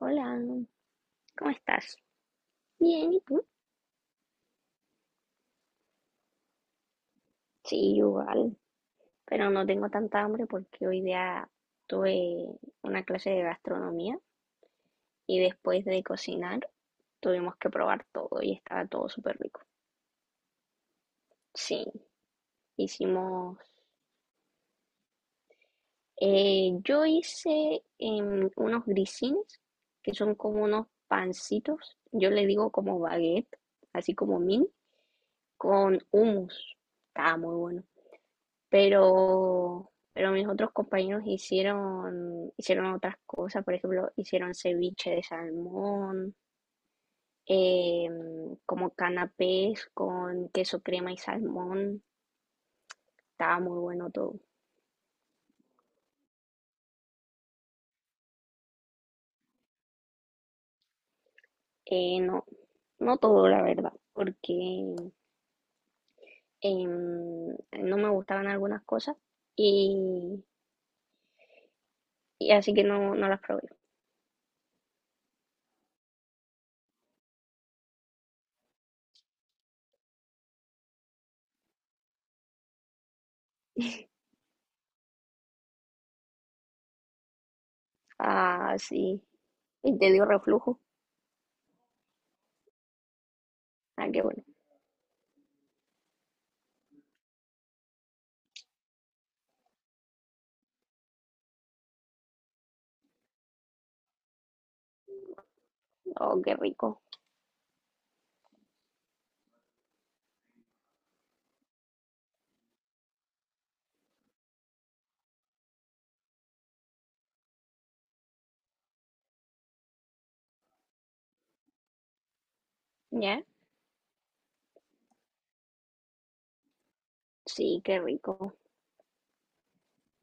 Hola, ¿cómo estás? Bien, ¿y tú? Sí, igual, pero no tengo tanta hambre porque hoy día tuve una clase de gastronomía y después de cocinar tuvimos que probar todo y estaba todo súper rico. Sí, hicimos, yo hice unos grisines que son como unos pancitos, yo le digo como baguette, así como mini, con hummus. Estaba muy bueno. Pero mis otros compañeros hicieron otras cosas, por ejemplo, hicieron ceviche de salmón, como canapés con queso crema y salmón, estaba muy bueno todo. No, no todo, la verdad, porque no me gustaban algunas cosas y, y así que no, no las probé. Ah, sí, y te dio reflujo. Ah, qué bueno. Oh, qué rico. ¿Ya? Sí, qué rico.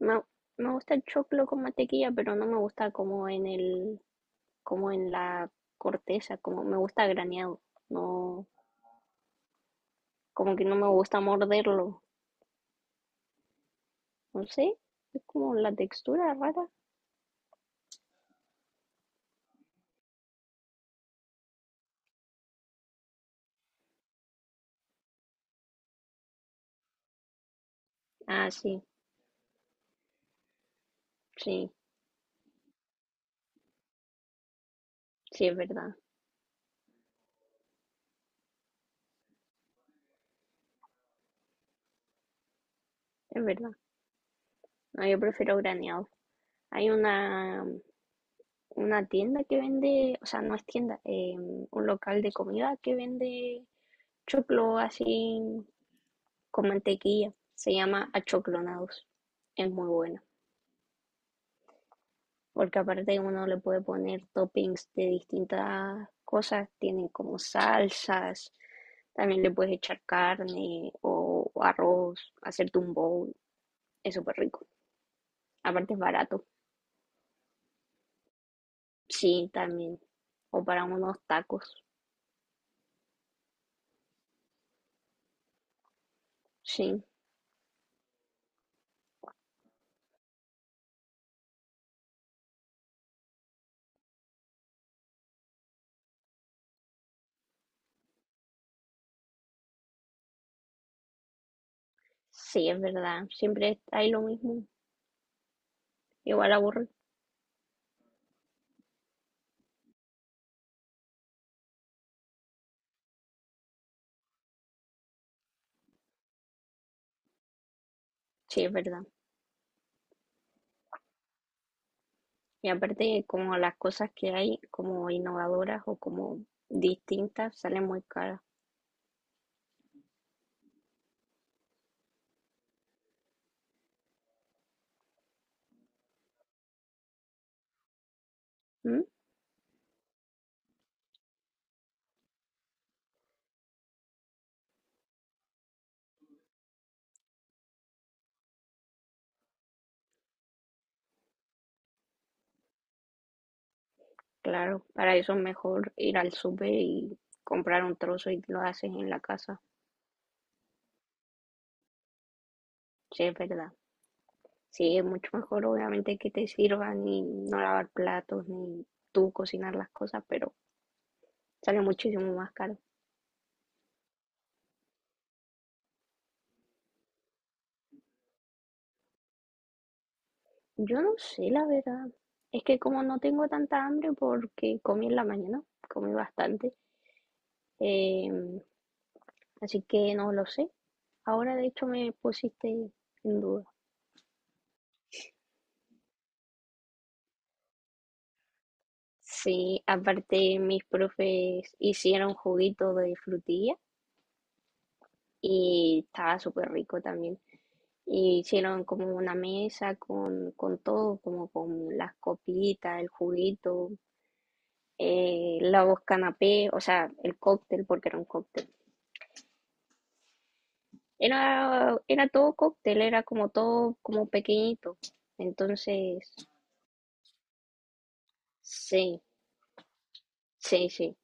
Me, me gusta el choclo con mantequilla, pero no me gusta como como en la corteza, como me gusta graneado. No, como que no me gusta morderlo. No sé, es como la textura rara. Ah, sí, sí, sí, es verdad, es verdad. No, yo prefiero graneado. Hay una tienda que vende, o sea, no es tienda, un local de comida que vende choclo así con mantequilla. Se llama Achoclonados. Es muy bueno. Porque aparte uno le puede poner toppings de distintas cosas, tienen como salsas, también le puedes echar carne o arroz, hacerte un bowl, es súper rico. Aparte es barato, sí, también, o para unos tacos, sí, sí, es verdad, siempre hay lo mismo, igual aburre, sí, es verdad. Y aparte como las cosas que hay como innovadoras o como distintas salen muy caras. ¿Mm? Claro, para eso es mejor ir al súper y comprar un trozo y lo haces en la casa. Sí, es verdad. Sí, es mucho mejor obviamente que te sirvan y no lavar platos ni tú cocinar las cosas, pero sale muchísimo más caro. Yo no sé, la verdad. Es que como no tengo tanta hambre porque comí en la mañana, comí bastante, eh, así que no lo sé. Ahora de hecho me pusiste en duda. Sí, aparte mis profes hicieron juguito de frutilla y estaba súper rico también. Y hicieron como una mesa con todo, como con las copitas, el juguito, los canapés, o sea, el cóctel, porque era un cóctel. Era todo cóctel, era como todo como pequeñito. Entonces, sí, sí, sí.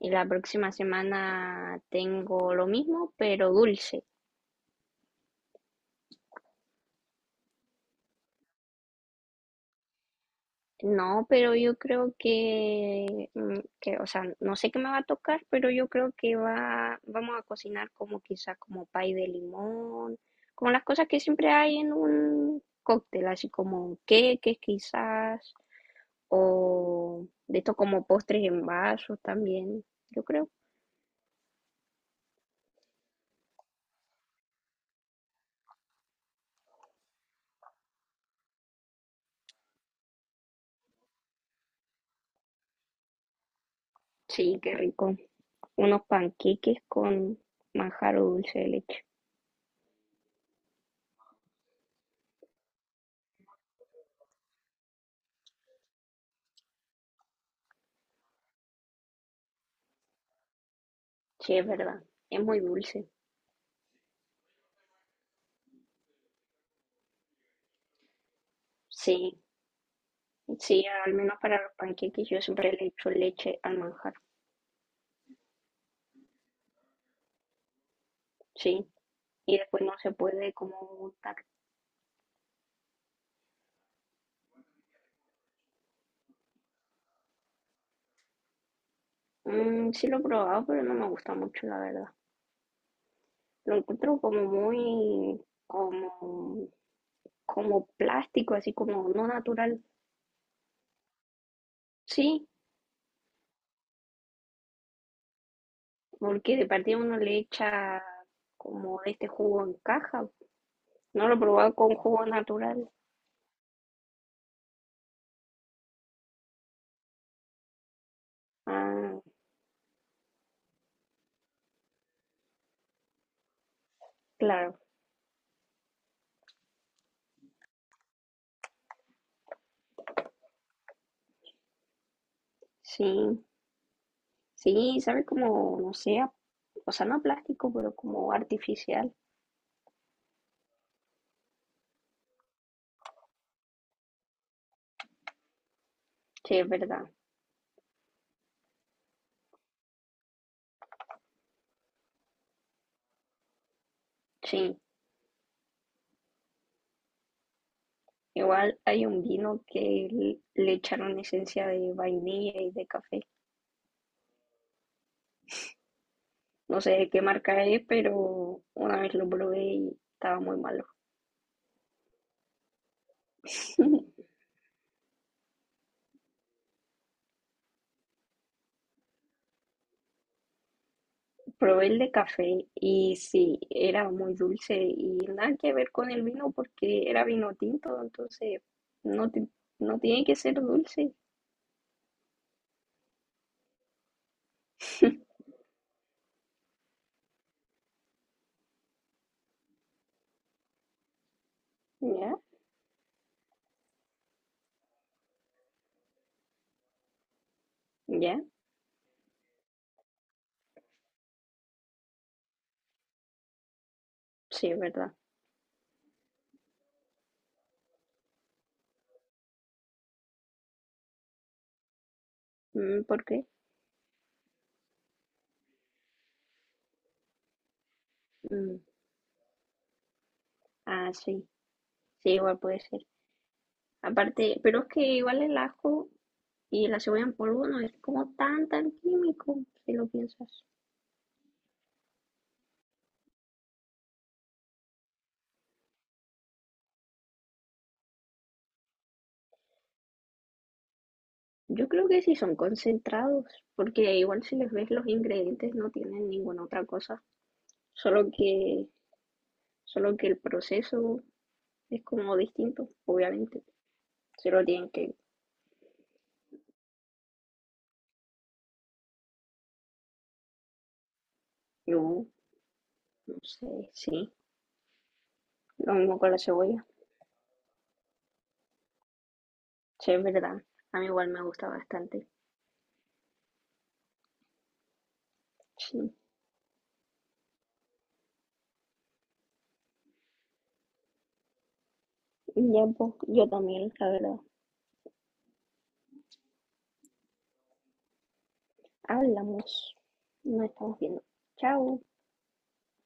Y la próxima semana tengo lo mismo, pero dulce. No, pero yo creo que o sea, no sé qué me va a tocar, pero yo creo que vamos a cocinar como quizá como pay de limón, como las cosas que siempre hay en un cóctel, así como queques quizás, o de esto como postres en vasos también, yo creo. Sí, qué rico. Unos panqueques con manjar o dulce de leche. Sí, es verdad, es muy dulce. Sí. Sí, al menos para los panqueques yo siempre le echo leche al manjar, sí. Y después no se puede como untar. Mm, sí lo he probado, pero no me gusta mucho, la verdad. Lo encuentro como muy, como, como plástico, así como no natural. Sí, porque de partida uno le echa como de este jugo en caja. No lo he probado con jugo natural. Ah, claro, sí. Sí, sabe como, no sé, o sea, no a plástico, pero como artificial. Sí, es verdad. Sí. Igual hay un vino que le echaron esencia de vainilla y de café. No sé de qué marca es, pero una vez lo probé y estaba muy malo. Probé el de café y sí, era muy dulce y nada que ver con el vino porque era vino tinto, entonces no, no tiene que ser dulce. ¿Ya? ¿Ya? Sí, es verdad. Mm, ¿por qué? Mm, ah, sí. Sí, igual puede ser. Aparte, pero es que igual el ajo. Y la cebolla en polvo no es como tan, tan químico, si lo piensas. Yo creo que sí son concentrados, porque igual si les ves los ingredientes no tienen ninguna otra cosa, solo que, solo que el proceso es como distinto, obviamente. Se lo tienen que, yo no sé, sí, lo mismo con la cebolla, sí, es verdad, a mí igual me gusta bastante. Sí, ya, pues, yo también, la verdad. Hablamos, nos estamos viendo. Chao.